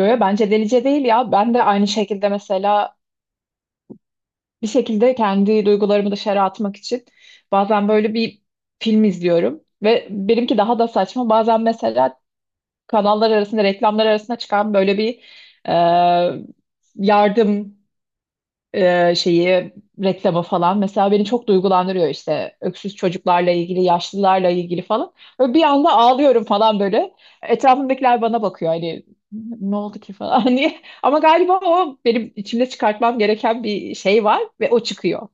Yo, yo, bence delice değil ya. Ben de aynı şekilde mesela bir şekilde kendi duygularımı dışarı atmak için bazen böyle bir film izliyorum ve benimki daha da saçma. Bazen mesela kanallar arasında reklamlar arasında çıkan böyle bir e, yardım şeyi reklama falan mesela beni çok duygulandırıyor işte öksüz çocuklarla ilgili yaşlılarla ilgili falan böyle bir anda ağlıyorum falan böyle etrafımdakiler bana bakıyor hani ne oldu ki falan hani ama galiba o benim içimde çıkartmam gereken bir şey var ve o çıkıyor.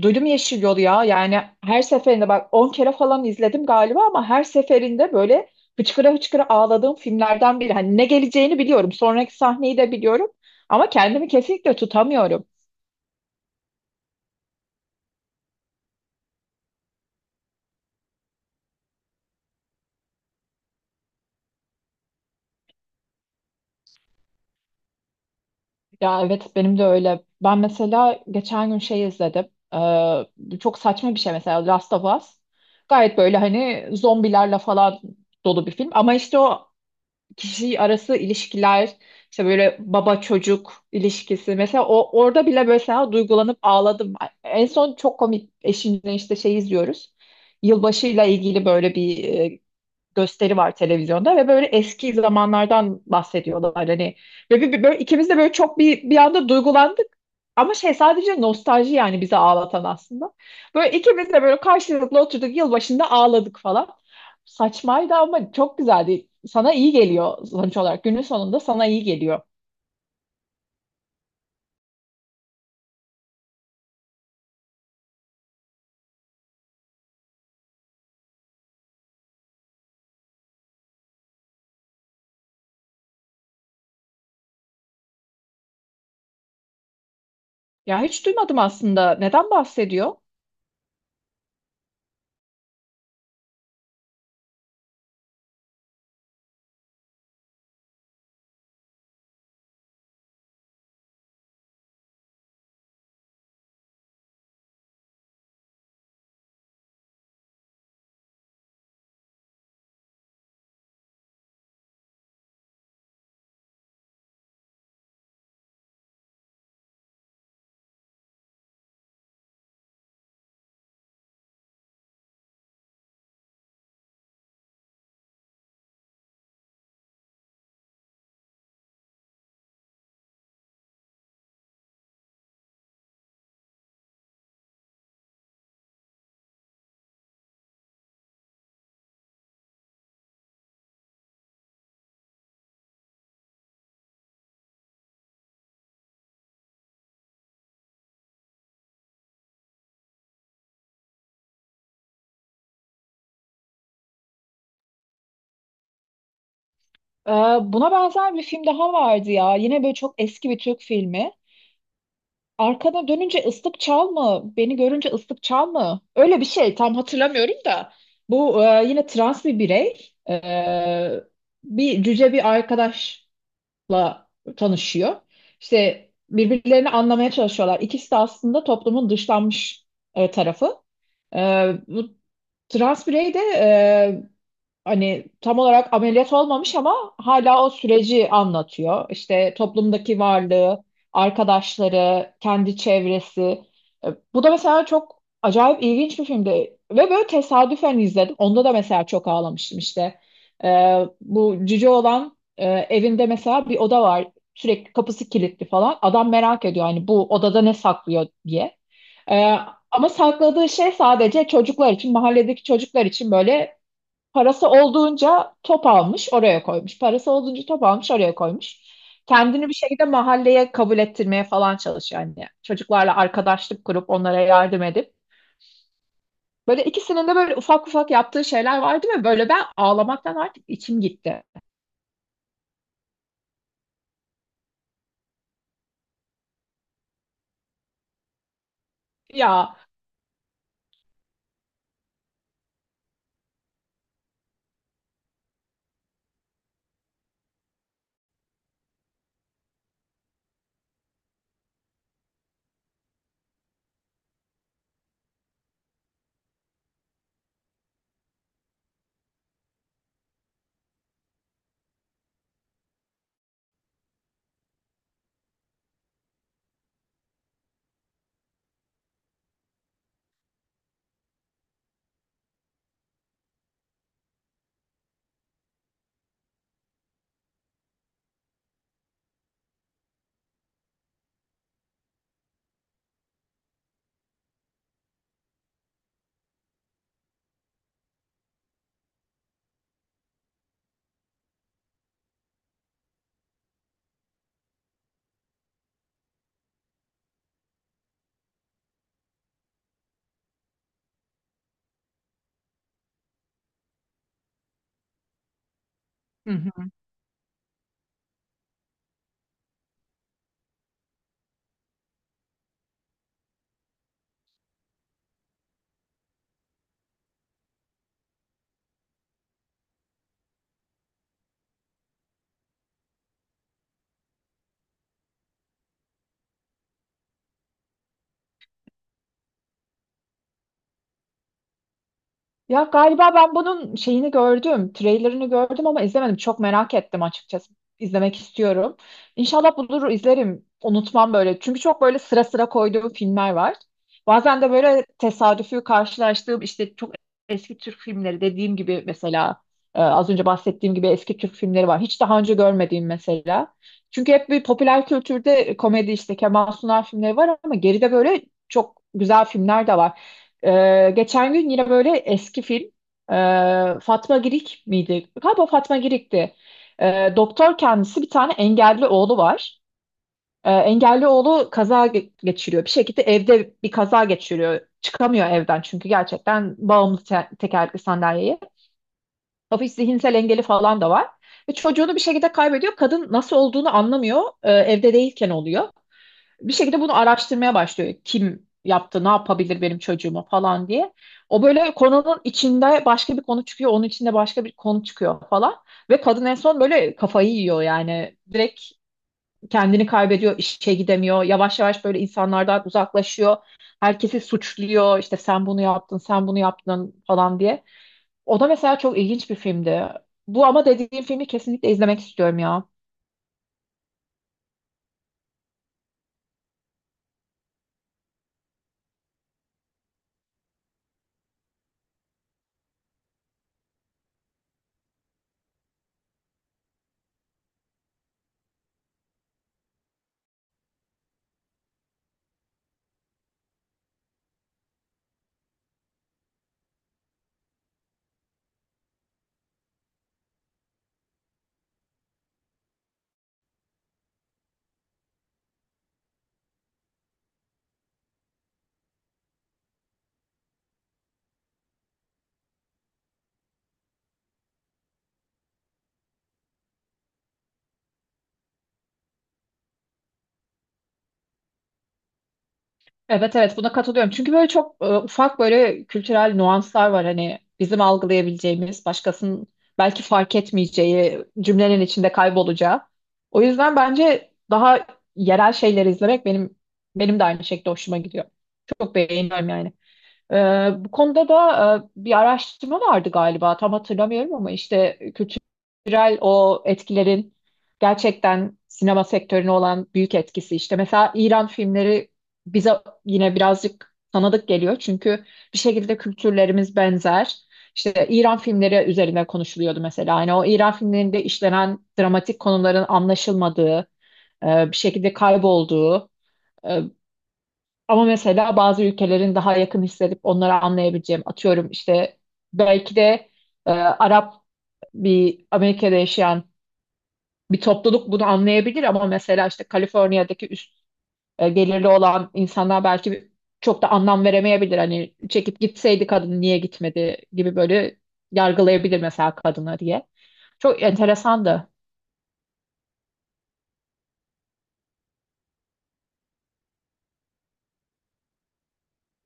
Duydum Yeşil Yolu ya. Yani her seferinde bak 10 kere falan izledim galiba, ama her seferinde böyle hıçkıra hıçkıra ağladığım filmlerden biri. Hani ne geleceğini biliyorum. Sonraki sahneyi de biliyorum. Ama kendimi kesinlikle tutamıyorum. Ya evet, benim de öyle. Ben mesela geçen gün şey izledim. Çok saçma bir şey mesela Last of Us. Gayet böyle hani zombilerle falan dolu bir film. Ama işte o kişi arası ilişkiler, işte böyle baba çocuk ilişkisi mesela, o orada bile mesela duygulanıp ağladım. En son çok komik, eşimle işte şey izliyoruz. Yılbaşıyla ilgili böyle bir gösteri var televizyonda ve böyle eski zamanlardan bahsediyorlar hani, ve böyle ikimiz de böyle çok bir anda duygulandık, ama şey, sadece nostalji yani bizi ağlatan aslında. Böyle ikimiz de böyle karşılıklı oturduk yılbaşında, ağladık falan. Saçmaydı ama çok güzeldi. Sana iyi geliyor sonuç olarak. Günün sonunda sana iyi geliyor. Ya hiç duymadım aslında. Neden bahsediyor? Ee, Buna benzer bir film daha vardı ya. Yine böyle çok eski bir Türk filmi. Arkana dönünce ıslık çal mı? Beni görünce ıslık çal mı? Öyle bir şey, tam hatırlamıyorum da. Bu yine trans bir birey. Bir cüce bir arkadaşla tanışıyor. İşte birbirlerini anlamaya çalışıyorlar. İkisi de aslında toplumun dışlanmış tarafı. E, Bu trans birey de hani tam olarak ameliyat olmamış ama hala o süreci anlatıyor. İşte toplumdaki varlığı, arkadaşları, kendi çevresi. E, Bu da mesela çok acayip ilginç bir filmdi. Ve böyle tesadüfen izledim. Onda da mesela çok ağlamıştım işte. E, Bu cüce olan evinde mesela bir oda var. Sürekli kapısı kilitli falan. Adam merak ediyor hani bu odada ne saklıyor diye. E, Ama sakladığı şey sadece çocuklar için, mahalledeki çocuklar için, böyle parası olduğunca top almış, oraya koymuş. Parası olduğunca top almış, oraya koymuş. Kendini bir şekilde mahalleye kabul ettirmeye falan çalışıyor anne. Çocuklarla arkadaşlık kurup onlara yardım edip. Böyle ikisinin de böyle ufak ufak yaptığı şeyler vardı ve böyle ben ağlamaktan artık içim gitti. Ya. Hı. Ya galiba ben bunun şeyini gördüm, trailerını gördüm ama izlemedim. Çok merak ettim açıkçası. İzlemek istiyorum. İnşallah bulur izlerim. Unutmam böyle. Çünkü çok böyle sıra sıra koyduğum filmler var. Bazen de böyle tesadüfi karşılaştığım işte çok eski Türk filmleri, dediğim gibi mesela az önce bahsettiğim gibi eski Türk filmleri var. Hiç daha önce görmediğim mesela. Çünkü hep bir popüler kültürde komedi işte Kemal Sunal filmleri var, ama geride böyle çok güzel filmler de var. Geçen gün yine böyle eski film, Fatma Girik miydi? Galiba Fatma Girik'ti. Doktor kendisi, bir tane engelli oğlu var. Engelli oğlu kaza geçiriyor. Bir şekilde evde bir kaza geçiriyor. Çıkamıyor evden çünkü gerçekten bağımlı tekerlekli sandalyeye. Hafif zihinsel engeli falan da var. Ve çocuğunu bir şekilde kaybediyor. Kadın nasıl olduğunu anlamıyor. Evde değilken oluyor, bir şekilde bunu araştırmaya başlıyor. Kim yaptı, ne yapabilir benim çocuğuma falan diye. O böyle konunun içinde başka bir konu çıkıyor, onun içinde başka bir konu çıkıyor falan. Ve kadın en son böyle kafayı yiyor yani. Direkt kendini kaybediyor, işe gidemiyor. Yavaş yavaş böyle insanlardan uzaklaşıyor. Herkesi suçluyor. İşte sen bunu yaptın, sen bunu yaptın falan diye. O da mesela çok ilginç bir filmdi. Bu, ama dediğim filmi kesinlikle izlemek istiyorum ya. Evet, evet, buna katılıyorum. Çünkü böyle çok ufak böyle kültürel nüanslar var hani, bizim algılayabileceğimiz, başkasının belki fark etmeyeceği, cümlenin içinde kaybolacağı. O yüzden bence daha yerel şeyleri izlemek benim de aynı şekilde hoşuma gidiyor. Çok beğeniyorum yani. Ee, Bu konuda da bir araştırma vardı galiba, tam hatırlamıyorum, ama işte kültürel o etkilerin gerçekten sinema sektörüne olan büyük etkisi, işte mesela İran filmleri bize yine birazcık tanıdık geliyor çünkü bir şekilde kültürlerimiz benzer. İşte İran filmleri üzerine konuşuluyordu mesela. Hani o İran filmlerinde işlenen dramatik konuların anlaşılmadığı, bir şekilde kaybolduğu, ama mesela bazı ülkelerin daha yakın hissedip onları anlayabileceğim. Atıyorum işte, belki de Arap bir Amerika'da yaşayan bir topluluk bunu anlayabilir, ama mesela işte Kaliforniya'daki üst gelirli olan insanlar belki çok da anlam veremeyebilir. Hani çekip gitseydi, kadın niye gitmedi gibi böyle yargılayabilir mesela kadını diye. Çok enteresandı.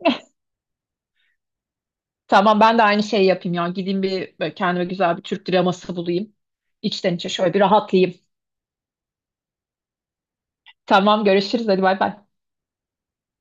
Tamam, ben de aynı şeyi yapayım ya. Gideyim, bir böyle kendime güzel bir Türk draması bulayım. İçten içe şöyle bir rahatlayayım. Tamam görüşürüz, hadi bay bay.